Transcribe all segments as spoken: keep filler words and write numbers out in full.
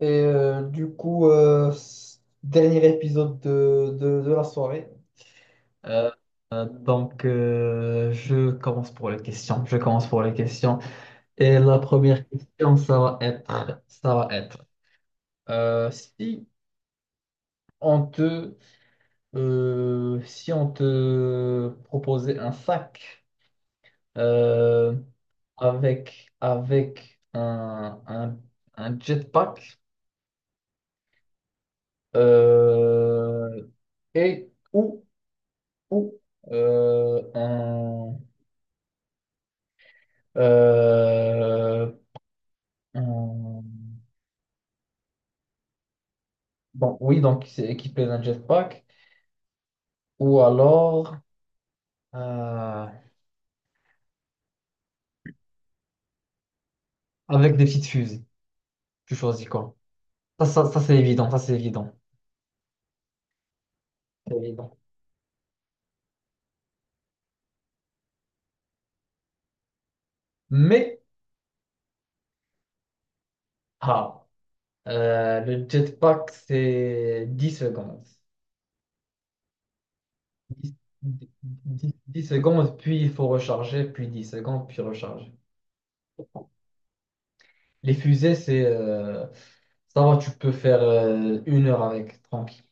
Et euh, du coup, euh, s- dernier épisode de, de, de la soirée. Euh, euh, donc, euh, je commence pour les questions. Je commence pour les questions. Et la première question, ça va être, ça va être, euh, si on te, euh, si on te proposait un sac euh, avec, avec un, un, un jetpack euh, et ou ou euh, un, euh, un- Bon, oui, donc c'est équipé d'un jetpack, ou alors euh, avec des petites fusées. Tu choisis quoi? Ça, ça, ça, c'est évident, ça c'est évident. C'est évident. Mais, ah, euh, le jetpack, c'est dix secondes. Dix dix 10 secondes, puis il faut recharger, puis dix secondes, puis recharger. Les fusées, c'est... euh, ça va, tu peux faire euh, une heure avec, tranquille.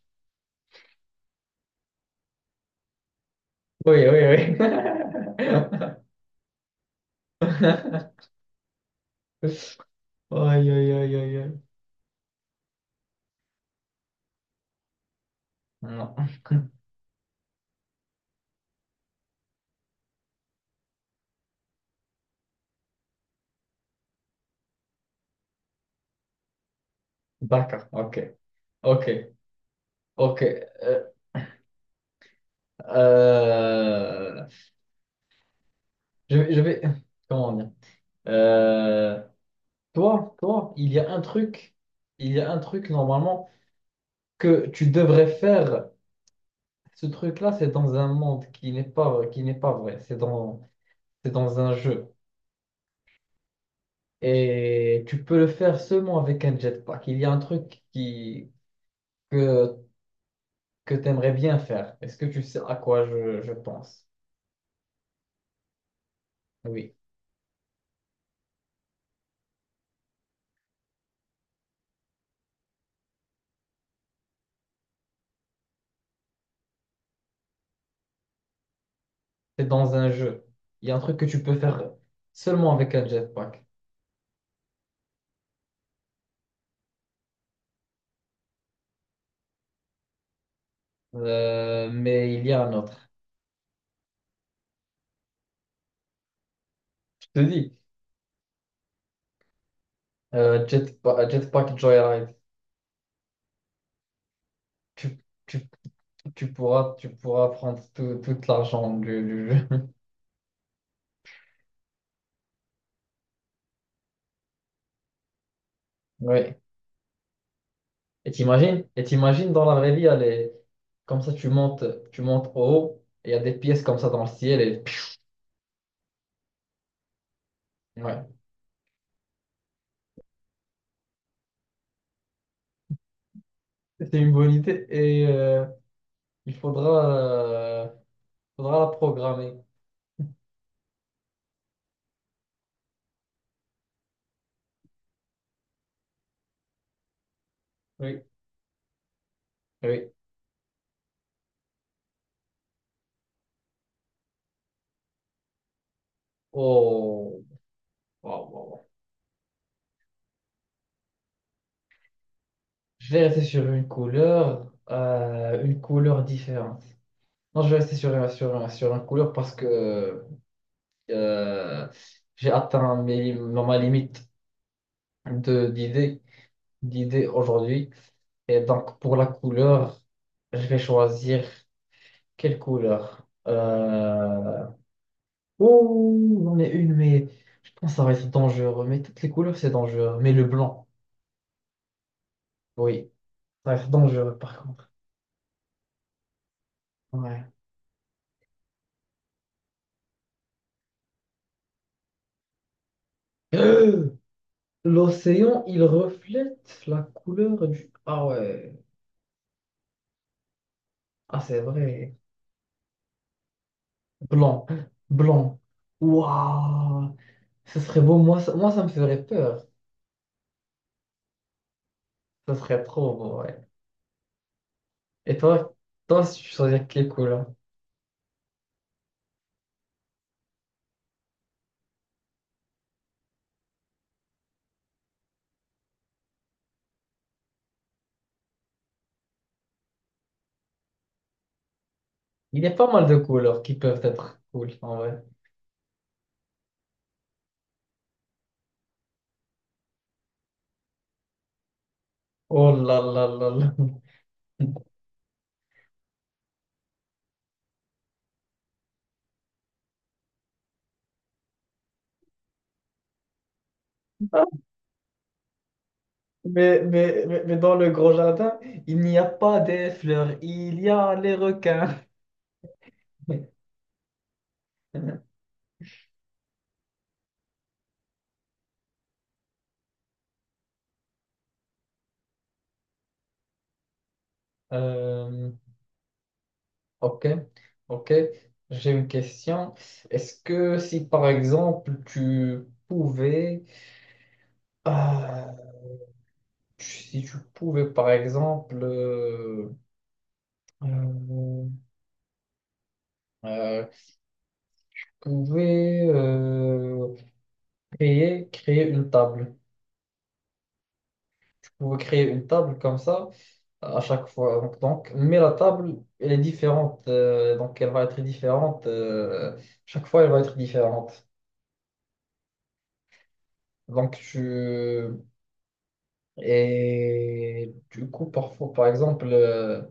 Oui, oui, oui. Aïe, aïe, aïe, aïe, aïe. Non. D'accord, ok, ok, ok. Euh, euh, je, vais, je vais- comment dire? Euh, toi, toi, il y a un truc, il y a un truc normalement que tu devrais faire. Ce truc-là, c'est dans un monde qui n'est pas, qui n'est pas vrai. C'est dans, c'est dans un jeu. Et tu peux le faire seulement avec un jetpack. Il y a un truc qui, que que tu aimerais bien faire. Est-ce que tu sais à quoi je, je pense? Oui. C'est dans un jeu. Il y a un truc que tu peux faire seulement avec un jetpack. Euh, mais il y a un autre. Je te dis, euh, jetpa- euh, jetpack Joyride. Tu, tu, tu pourras, tu pourras prendre tout, tout l'argent du, du jeu. Oui. Et t'imagines, et t'imagines dans la vraie vie, elle est- comme ça, tu montes, tu montes en haut, et il y a des pièces comme ça dans le ciel. Et... Ouais. C'est une bonne idée. Et euh, il faudra. Euh, Faudra la programmer. Oui, oui. Oh, wow, wow, wow. Je vais rester sur une couleur, euh, une couleur différente. Non, je vais rester sur, un- sur, un- sur une couleur parce que euh, j'ai atteint mes, ma limite de, d'idées, d'idées aujourd'hui. Et donc, pour la couleur, je vais choisir quelle couleur? Euh... Oh, j'en ai une, mais je pense que ça va être dangereux. Mais toutes les couleurs, c'est dangereux. Mais le blanc, oui. Ça reste dangereux, par contre. Ouais. Euh, L'océan, il reflète la couleur du... Ah ouais, ah c'est vrai. Blanc, blanc. Waouh, ce serait beau. Moi ça, moi, ça me ferait peur. Ce serait trop beau, ouais. Et toi, toi, si tu choisis quelle couleur? Il y a pas mal de couleurs qui peuvent être cool, en vrai. Oh là là là là. Mais, mais, mais, mais dans le grand jardin, il n'y a pas des fleurs, il y a les requins. Euh, Ok, ok. J'ai une question. Est-ce que si par exemple tu pouvais, ah, tu- si tu pouvais par exemple, euh, euh, euh, tu pouvais euh, créer, créer une table, tu pouvais créer une table comme ça à chaque fois. Donc, donc, mais la table, elle est différente, euh, donc elle va être différente euh, chaque fois, elle va être différente. Donc tu Et du coup, parfois, par exemple, euh,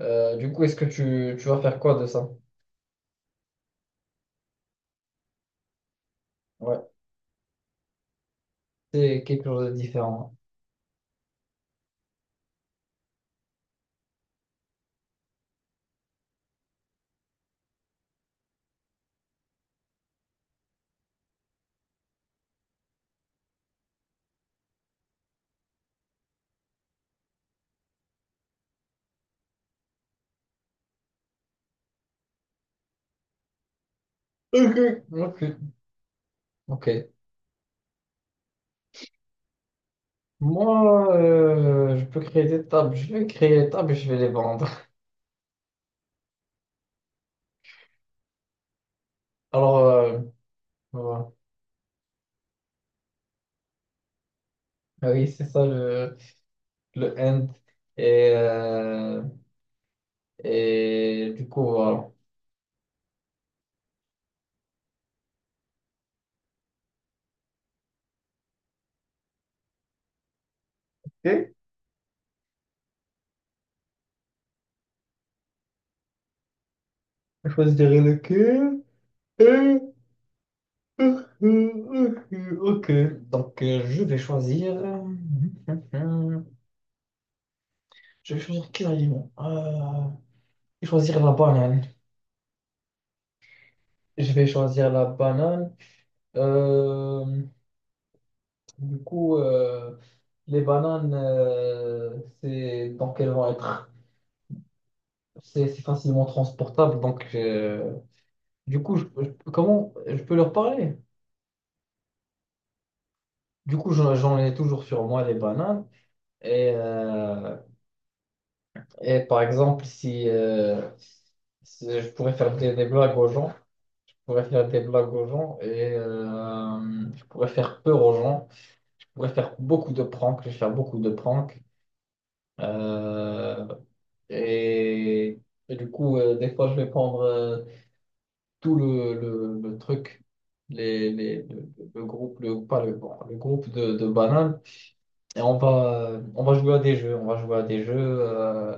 euh, du coup, est-ce que tu, tu vas faire quoi de ça? Ouais, c'est quelque chose de différent. Ok, ok, ok. Moi, euh, je peux créer des tables. Je vais créer des tables et je vais les vendre. Alors, euh, voilà. Ah oui, c'est ça le, le end. Et, euh, et du coup, voilà. Ok, je choisirai lequel. Hum, hum, hum, hum. Ok, donc euh, je vais choisir. euh, Je vais choisir quel aliment? Euh, je vais choisir la banane. Je vais choisir la banane. Euh, du coup, euh, les bananes, euh, c'est donc elles vont être, c'est c'est facilement transportable. Donc, euh, du coup, je- je- comment je peux leur parler? Du coup, j'en j'en ai toujours sur moi les bananes et euh, et par exemple, si, euh, si je pourrais faire des, des blagues aux gens, je pourrais faire des blagues aux gens et euh, je pourrais faire peur aux gens, je pourrais faire beaucoup de pranks, je vais faire beaucoup de pranks. Euh, et, et du coup, euh, des fois, je vais prendre euh, tout le, le, le truc, les, les, le, le groupe, le, pas le, bon, le groupe de, de bananes, et on va, on va jouer à des jeux, on va jouer à des jeux. euh,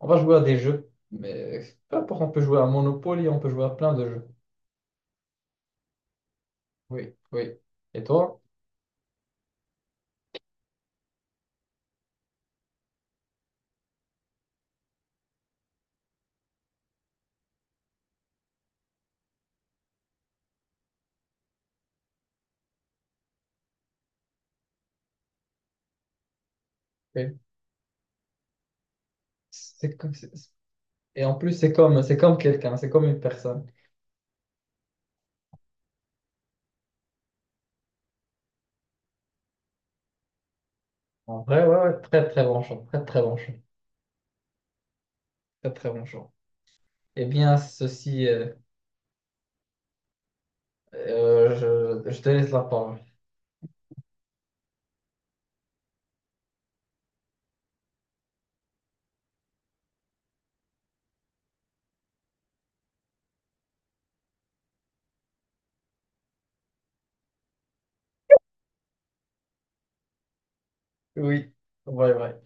On va jouer à des jeux, mais peu importe, on peut jouer à Monopoly, on peut jouer à plein de jeux. Oui, oui. Et toi? Oui. C'est comme- c'est- Et en plus, c'est comme, c'est comme quelqu'un, c'est comme une personne. En vrai, ouais, ouais, très très bon choix, très très bon choix, très très bon choix. Eh bien, ceci, euh, euh, je, je te laisse la parole. Oui, ouais, ouais.